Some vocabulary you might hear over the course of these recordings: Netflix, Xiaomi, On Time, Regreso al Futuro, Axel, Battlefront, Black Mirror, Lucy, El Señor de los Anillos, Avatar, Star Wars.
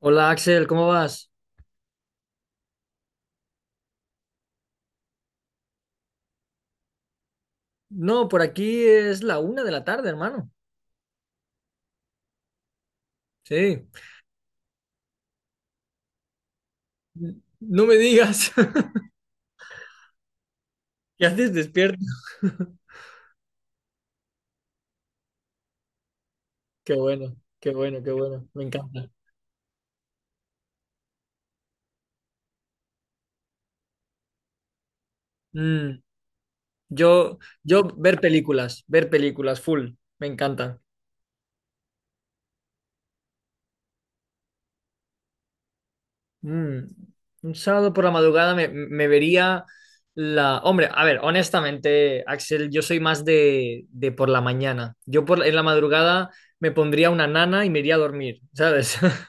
Hola Axel, ¿cómo vas? No, por aquí es la una de la tarde, hermano. Sí. No me digas. ¿Ya haces despierto? Qué bueno, qué bueno, qué bueno. Me encanta. Mm, yo, yo ver películas, full. Me encanta. Mm, un sábado por la madrugada me vería la... Hombre, a ver, honestamente, Axel, yo soy más de por la mañana. En la madrugada me pondría una nana y me iría a dormir, ¿sabes?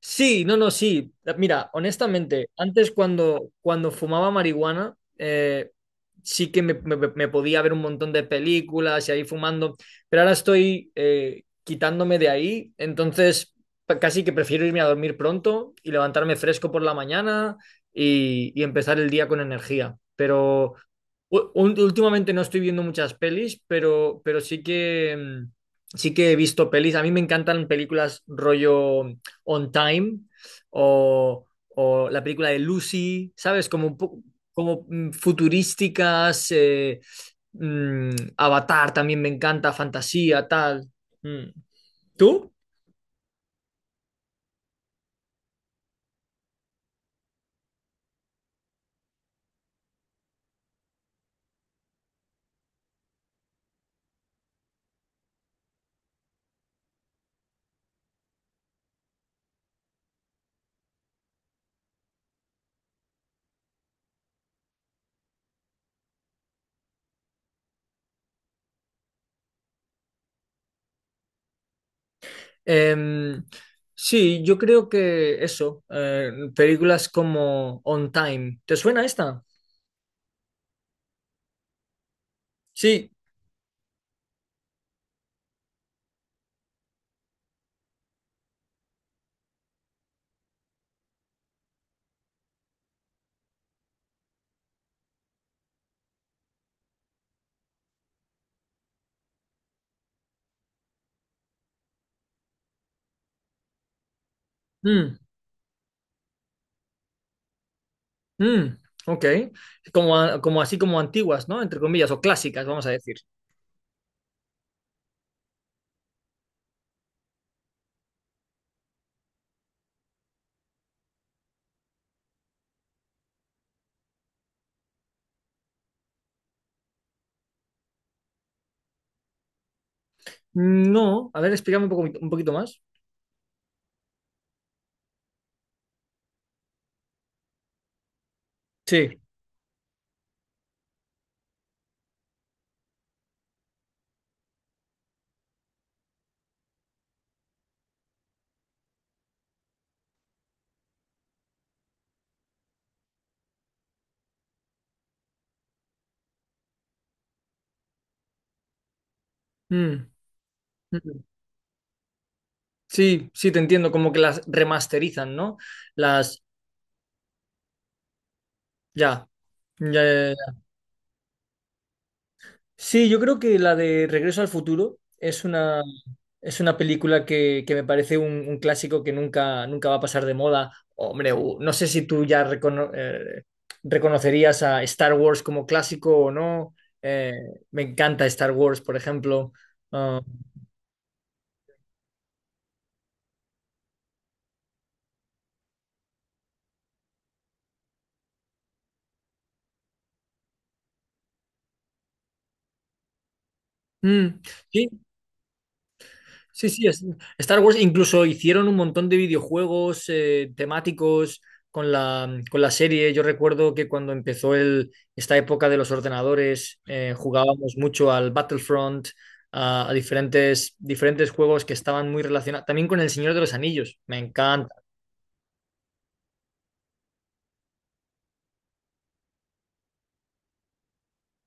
Sí, no, no, sí. Mira, honestamente, antes cuando fumaba marihuana, sí que me podía ver un montón de películas y ahí fumando, pero ahora estoy quitándome de ahí, entonces casi que prefiero irme a dormir pronto y levantarme fresco por la mañana y empezar el día con energía. Pero últimamente no estoy viendo muchas pelis, pero sí que, sí que he visto pelis. A mí me encantan películas rollo On Time o, o la película de Lucy, ¿sabes? Como futurísticas, mm, Avatar también me encanta, fantasía, tal. Mm. ¿Tú? Em, sí, yo creo que eso, películas como On Time. ¿Te suena esta? Sí. Mm. Mm, ok. Como, a- como así como antiguas, ¿no? Entre comillas, o clásicas, vamos a decir. No, a ver, explícame un poco, un poquito más. Sí. Mm, mm. mm. Sí, sí, te entiendo, como que las remasterizan, ¿no? Las, ya, ya, sí, yo creo que la de Regreso al Futuro es una película que me parece un clásico que nunca, nunca va a pasar de moda. Hombre, no sé si tú ya reconocerías a Star Wars como clásico o no. Eh, me encanta Star Wars, por ejemplo. Ah, mm, sí, Sí, sí, es- Star Wars incluso hicieron un montón de videojuegos temáticos con con la serie. Yo recuerdo que cuando empezó esta época de los ordenadores, jugábamos mucho al Battlefront, a diferentes, diferentes juegos que estaban muy relacionados. También con El Señor de los Anillos, me encanta.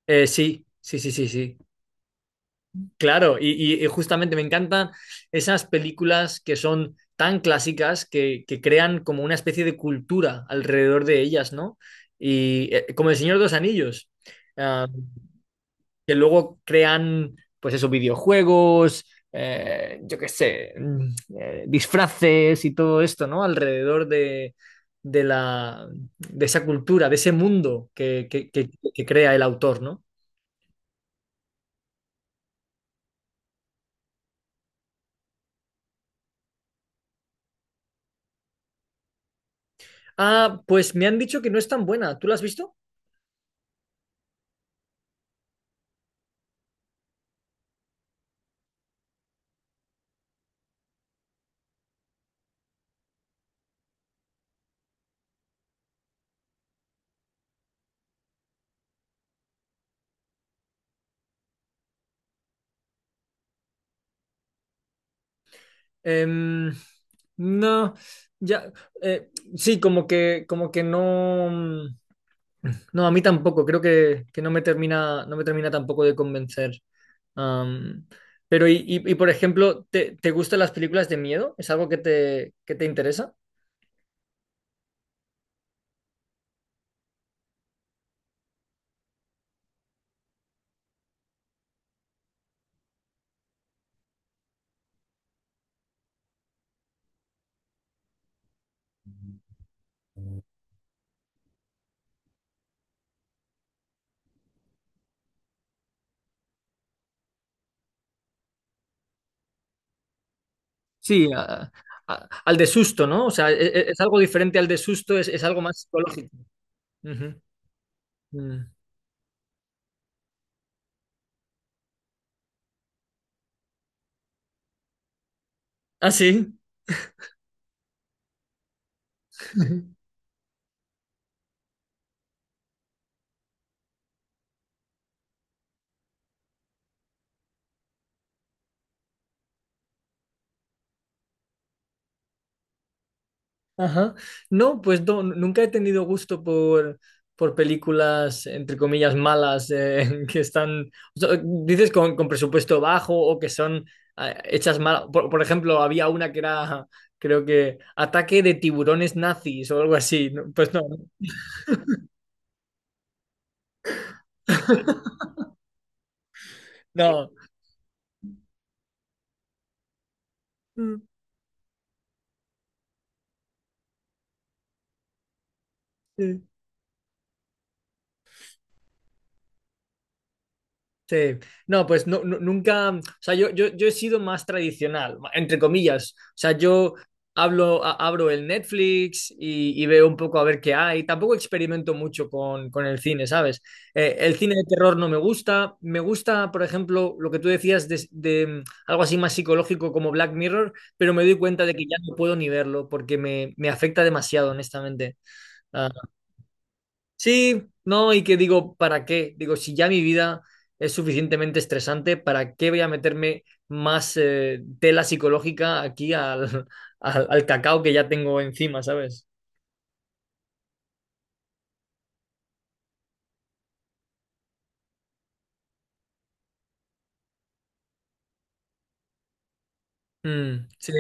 Sí, sí, sí, sí, sí. Claro, y justamente me encantan esas películas que son tan clásicas que crean como una especie de cultura alrededor de ellas, ¿no? Y como El Señor de los Anillos, ah, que luego crean, pues esos videojuegos, yo qué sé, disfraces y todo esto, ¿no? Alrededor de la, de esa cultura, de ese mundo que crea el autor, ¿no? Ah, pues me han dicho que no es tan buena. ¿Tú la has visto? Em, no, ya, eh, sí, como que no, no, a mí tampoco, creo que no me termina, no me termina tampoco de convencer. Am, pero, y, por ejemplo, ¿te gustan las películas de miedo? ¿Es algo que que te interesa? Sí, al de susto, ¿no? O sea, es, algo diferente al de susto, es algo más psicológico. Ujú. Mm. ¿Ah, sí? Ajá. No, pues no, nunca he tenido gusto por películas, entre comillas, malas, que están, o sea, dices, con presupuesto bajo o que son hechas mal. Por ejemplo, había una que era, creo que, ataque de tiburones nazis o algo así. No, pues no, no. Mm, sí. Sí, no, pues no, nunca, o sea, yo he sido más tradicional, entre comillas, o sea, yo hablo, abro el Netflix y veo un poco a ver qué hay, tampoco experimento mucho con el cine, ¿sabes? El cine de terror no me gusta, me gusta, por ejemplo, lo que tú decías de, algo así más psicológico como Black Mirror, pero me doy cuenta de que ya no puedo ni verlo porque me afecta demasiado, honestamente. Ah, sí, no, y que digo, ¿para qué? Digo, si ya mi vida es suficientemente estresante, ¿para qué voy a meterme más tela psicológica aquí al, al, al cacao que ya tengo encima, ¿sabes? Mm, sí.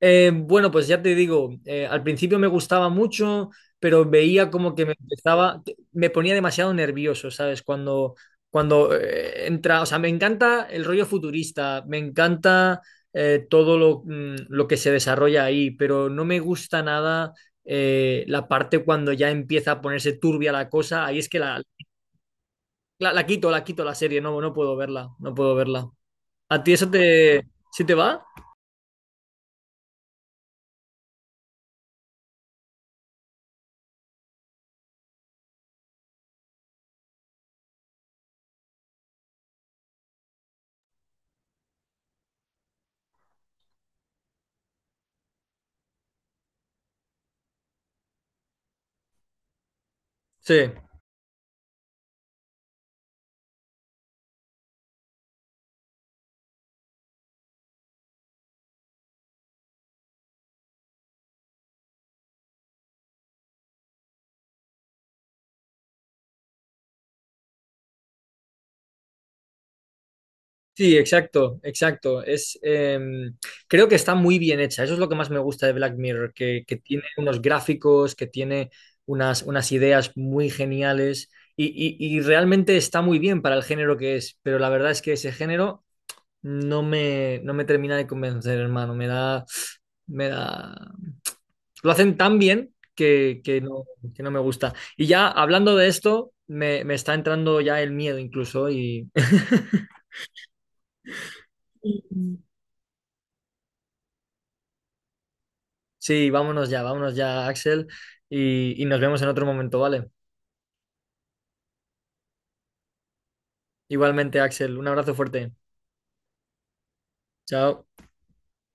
Bueno, pues ya te digo, al principio me gustaba mucho, pero veía como que me empezaba, me ponía demasiado nervioso, ¿sabes? Cuando, cuando entra, o sea, me encanta el rollo futurista, me encanta eh, lo que se desarrolla ahí, pero no me gusta nada la parte cuando ya empieza a ponerse turbia la cosa, ahí es que la quito, la quito la serie, no, no puedo verla, no puedo verla. ¿A ti eso te, sí te va? Sí. Sí, exacto, exacto. Es, creo que está muy bien hecha. Eso es lo que más me gusta de Black Mirror, que tiene unos gráficos, que tiene unas, unas ideas muy geniales y realmente está muy bien para el género que es. Pero la verdad es que ese género no me, no me termina de convencer, hermano. Me da, lo hacen tan bien que no me gusta. Y ya hablando de esto, me está entrando ya el miedo incluso y... Sí, vámonos ya, Axel, y nos vemos en otro momento, ¿vale? Igualmente, Axel, un abrazo fuerte. Chao.